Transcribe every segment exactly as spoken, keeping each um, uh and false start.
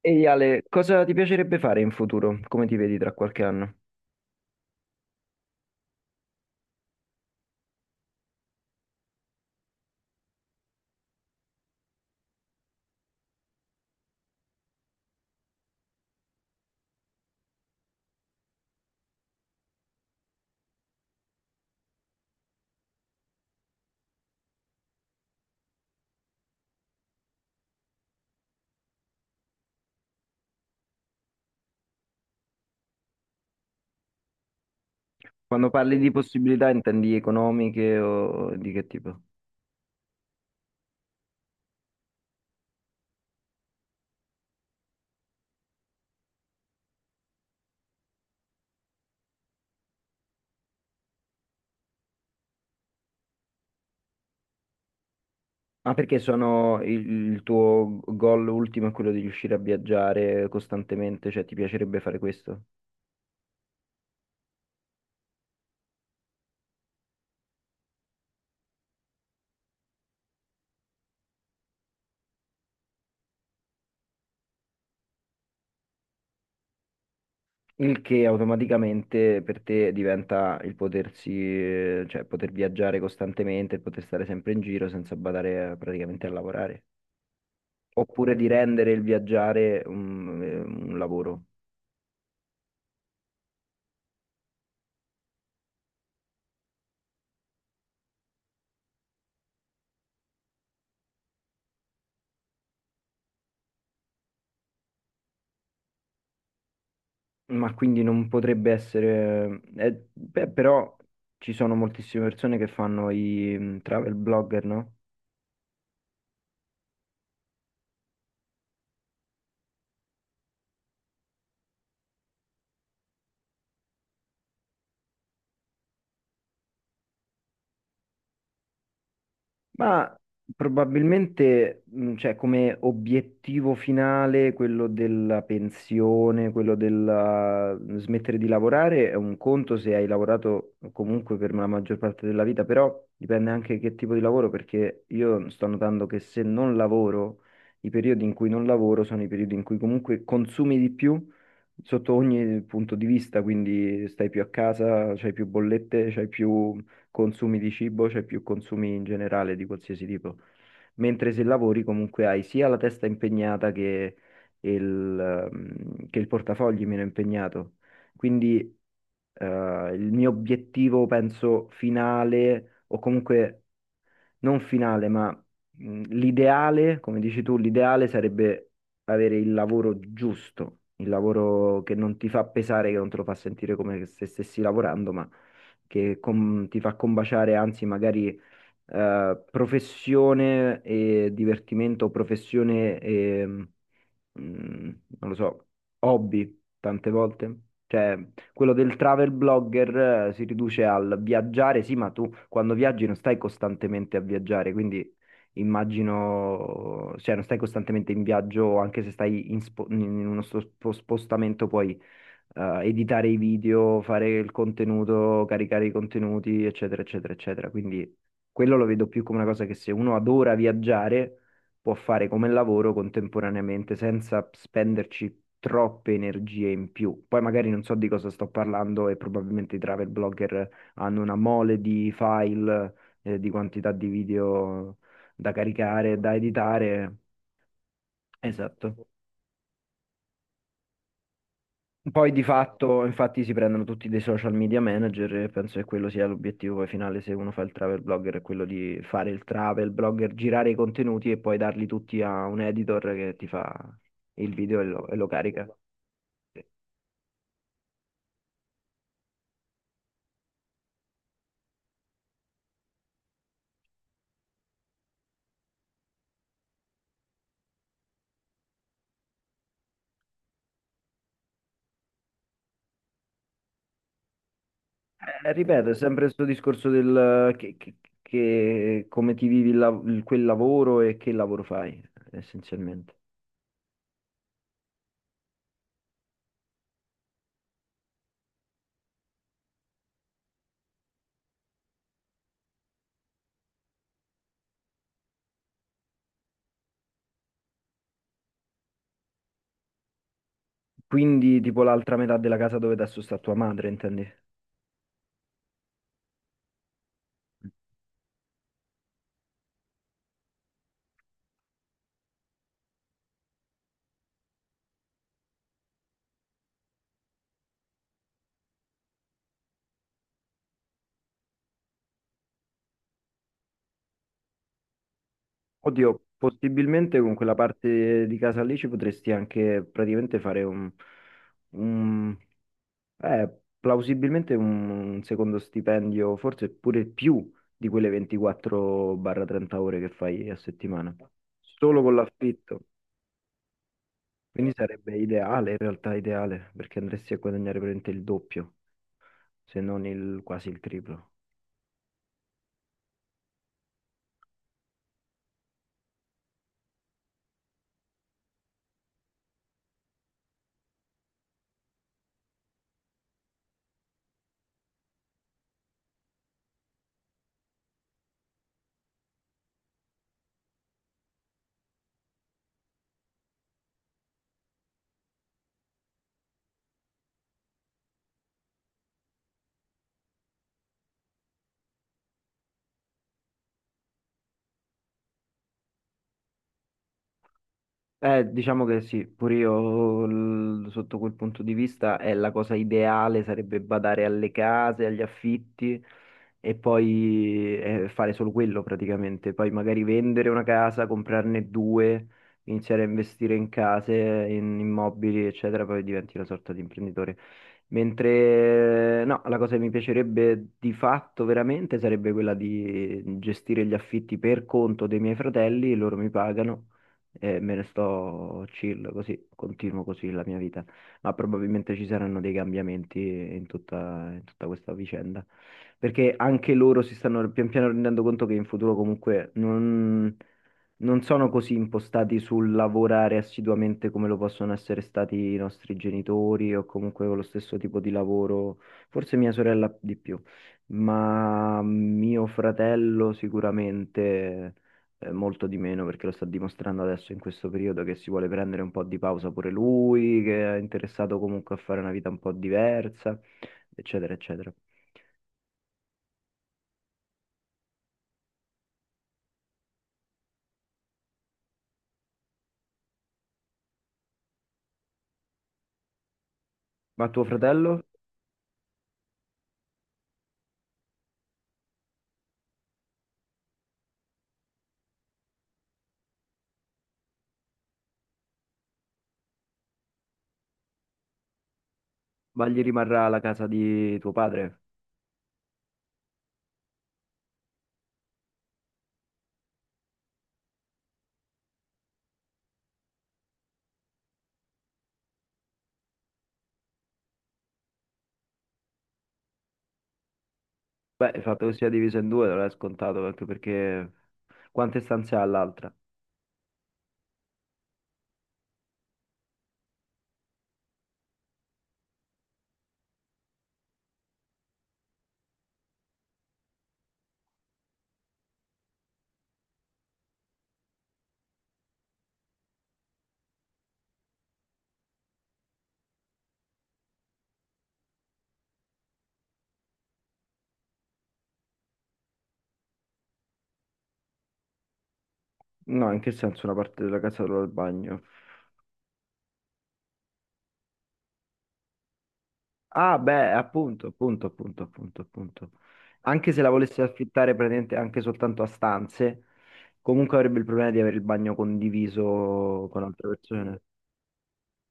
Ehi Ale, cosa ti piacerebbe fare in futuro? Come ti vedi tra qualche anno? Quando parli di possibilità intendi economiche o di che tipo? Ah, perché sono il, il tuo goal ultimo è quello di riuscire a viaggiare costantemente, cioè ti piacerebbe fare questo? Il che automaticamente per te diventa il potersi, eh, cioè poter viaggiare costantemente, il poter stare sempre in giro senza badare eh, praticamente a lavorare. Oppure di rendere il viaggiare un eh, un lavoro. Ma quindi non potrebbe essere... eh, eh, beh, però ci sono moltissime persone che fanno i mm, travel blogger, no? Ma probabilmente, mh, cioè, come obiettivo finale, quello della pensione, quello del smettere di lavorare, è un conto se hai lavorato comunque per la maggior parte della vita, però dipende anche che tipo di lavoro, perché io sto notando che se non lavoro, i periodi in cui non lavoro sono i periodi in cui comunque consumi di più sotto ogni punto di vista, quindi stai più a casa, c'hai più bollette, c'hai più consumi di cibo, cioè più consumi in generale di qualsiasi tipo. Mentre se lavori comunque hai sia la testa impegnata che il, ehm, che il portafogli meno impegnato. Quindi eh, il mio obiettivo, penso, finale o comunque non finale, ma mh, l'ideale, come dici tu, l'ideale sarebbe avere il lavoro giusto, il lavoro che non ti fa pesare, che non te lo fa sentire come se stessi lavorando, ma che com- ti fa combaciare, anzi, magari eh, professione e divertimento, professione e mhmm, mm, non lo so, hobby tante volte. Cioè, quello del travel blogger eh, si riduce al viaggiare, sì, ma tu quando viaggi non stai costantemente a viaggiare, quindi immagino, cioè non stai costantemente in viaggio, anche se stai in, spo- in uno spo- spostamento, puoi eh, editare i video, fare il contenuto, caricare i contenuti, eccetera, eccetera, eccetera. Quindi quello lo vedo più come una cosa che se uno adora viaggiare può fare come lavoro contemporaneamente senza spenderci troppe energie in più. Poi magari non so di cosa sto parlando e probabilmente i travel blogger hanno una mole di file, eh, di quantità di video da caricare, da editare. Esatto. Poi di fatto, infatti, si prendono tutti dei social media manager e penso che quello sia l'obiettivo poi finale se uno fa il travel blogger, è quello di fare il travel blogger, girare i contenuti e poi darli tutti a un editor che ti fa il video e lo, e lo carica. Eh, ripeto, è sempre questo discorso del eh, che, che- che- come ti vivi il lav- il- quel lavoro e che lavoro fai, essenzialmente. Quindi, tipo l'altra metà della casa dove adesso sta tua madre, intendi? Oddio, possibilmente con quella parte di casa lì ci potresti anche praticamente fare un, un- eh, plausibilmente un secondo stipendio, forse pure più di quelle ventiquattro trentesimo ore che fai a settimana, solo con l'affitto. Quindi sarebbe ideale, in realtà ideale, perché andresti a guadagnare praticamente il doppio, se non il- quasi il triplo. Eh, diciamo che sì, pure io l- sotto quel punto di vista è la cosa ideale, sarebbe badare alle case, agli affitti e poi eh, fare solo quello praticamente, poi magari vendere una casa, comprarne due, iniziare a investire in case, in immobili, eccetera, poi diventi una sorta di imprenditore. Mentre no, la cosa che mi piacerebbe di fatto veramente sarebbe quella di gestire gli affitti per conto dei miei fratelli, loro mi pagano e me ne sto chill così, continuo così la mia vita. Ma probabilmente ci saranno dei cambiamenti in tutta, in tutta questa vicenda. Perché anche loro si stanno pian piano rendendo conto che in futuro comunque non, non sono così impostati sul lavorare assiduamente come lo possono essere stati i nostri genitori o comunque con lo stesso tipo di lavoro, forse mia sorella di più, ma mio fratello sicuramente eh, molto di meno perché lo sta dimostrando adesso in questo periodo che si vuole prendere un po' di pausa pure lui, che è interessato comunque a fare una vita un po' diversa, eccetera, eccetera. Ma tuo fratello? Ma gli rimarrà la casa di tuo padre? Beh, il fatto che sia diviso in due non è scontato anche perché quante stanze ha l'altra? No, in che senso una parte della casa e l'altra del bagno? Ah, beh, appunto, appunto, appunto, appunto, appunto. Anche se la volessi affittare praticamente anche soltanto a stanze, comunque avrebbe il problema di avere il bagno condiviso con altre persone.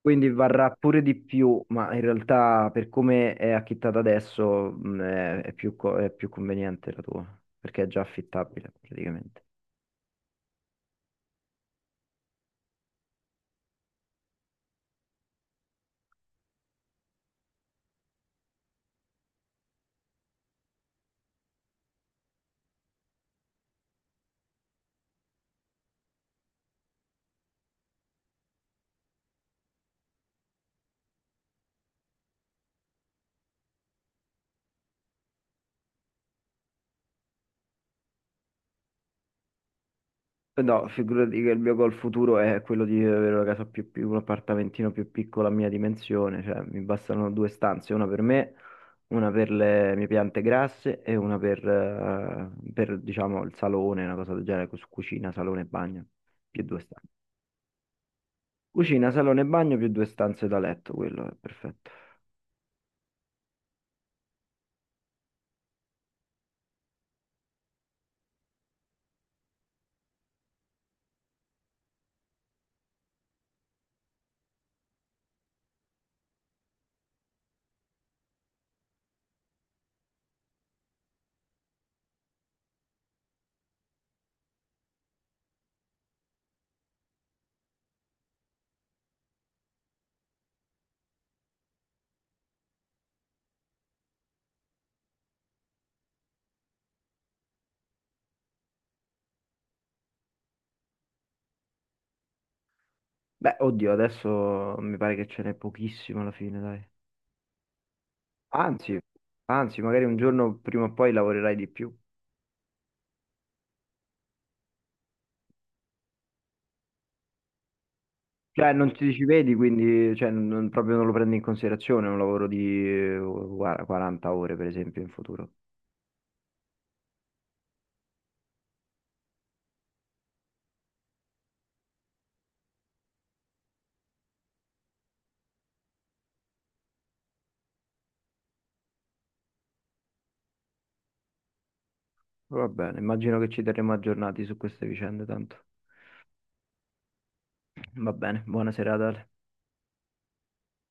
Quindi varrà pure di più, ma in realtà per come è affittata adesso mh, è, è più, co- è più conveniente la tua, perché è già affittabile praticamente. No, figurati che il mio goal futuro è quello di avere una casa più, più un appartamentino più piccolo a mia dimensione, cioè mi bastano due stanze, una per me, una per le mie piante grasse e una per, eh, per, diciamo il salone, una cosa del genere, su cucina, salone e bagno, più due stanze. Cucina, salone e bagno più due stanze da letto, quello è perfetto. Beh, oddio, adesso mi pare che ce n'è pochissimo alla fine, dai. Anzi, anzi, magari un giorno prima o poi lavorerai di più. Cioè, non ci ci vedi, quindi cioè, non- proprio non lo prendi in considerazione un lavoro di eh, guarda, quaranta ore, per esempio, in futuro. Va bene, immagino che ci terremo aggiornati su queste vicende, tanto. Va bene, buona serata. Ale.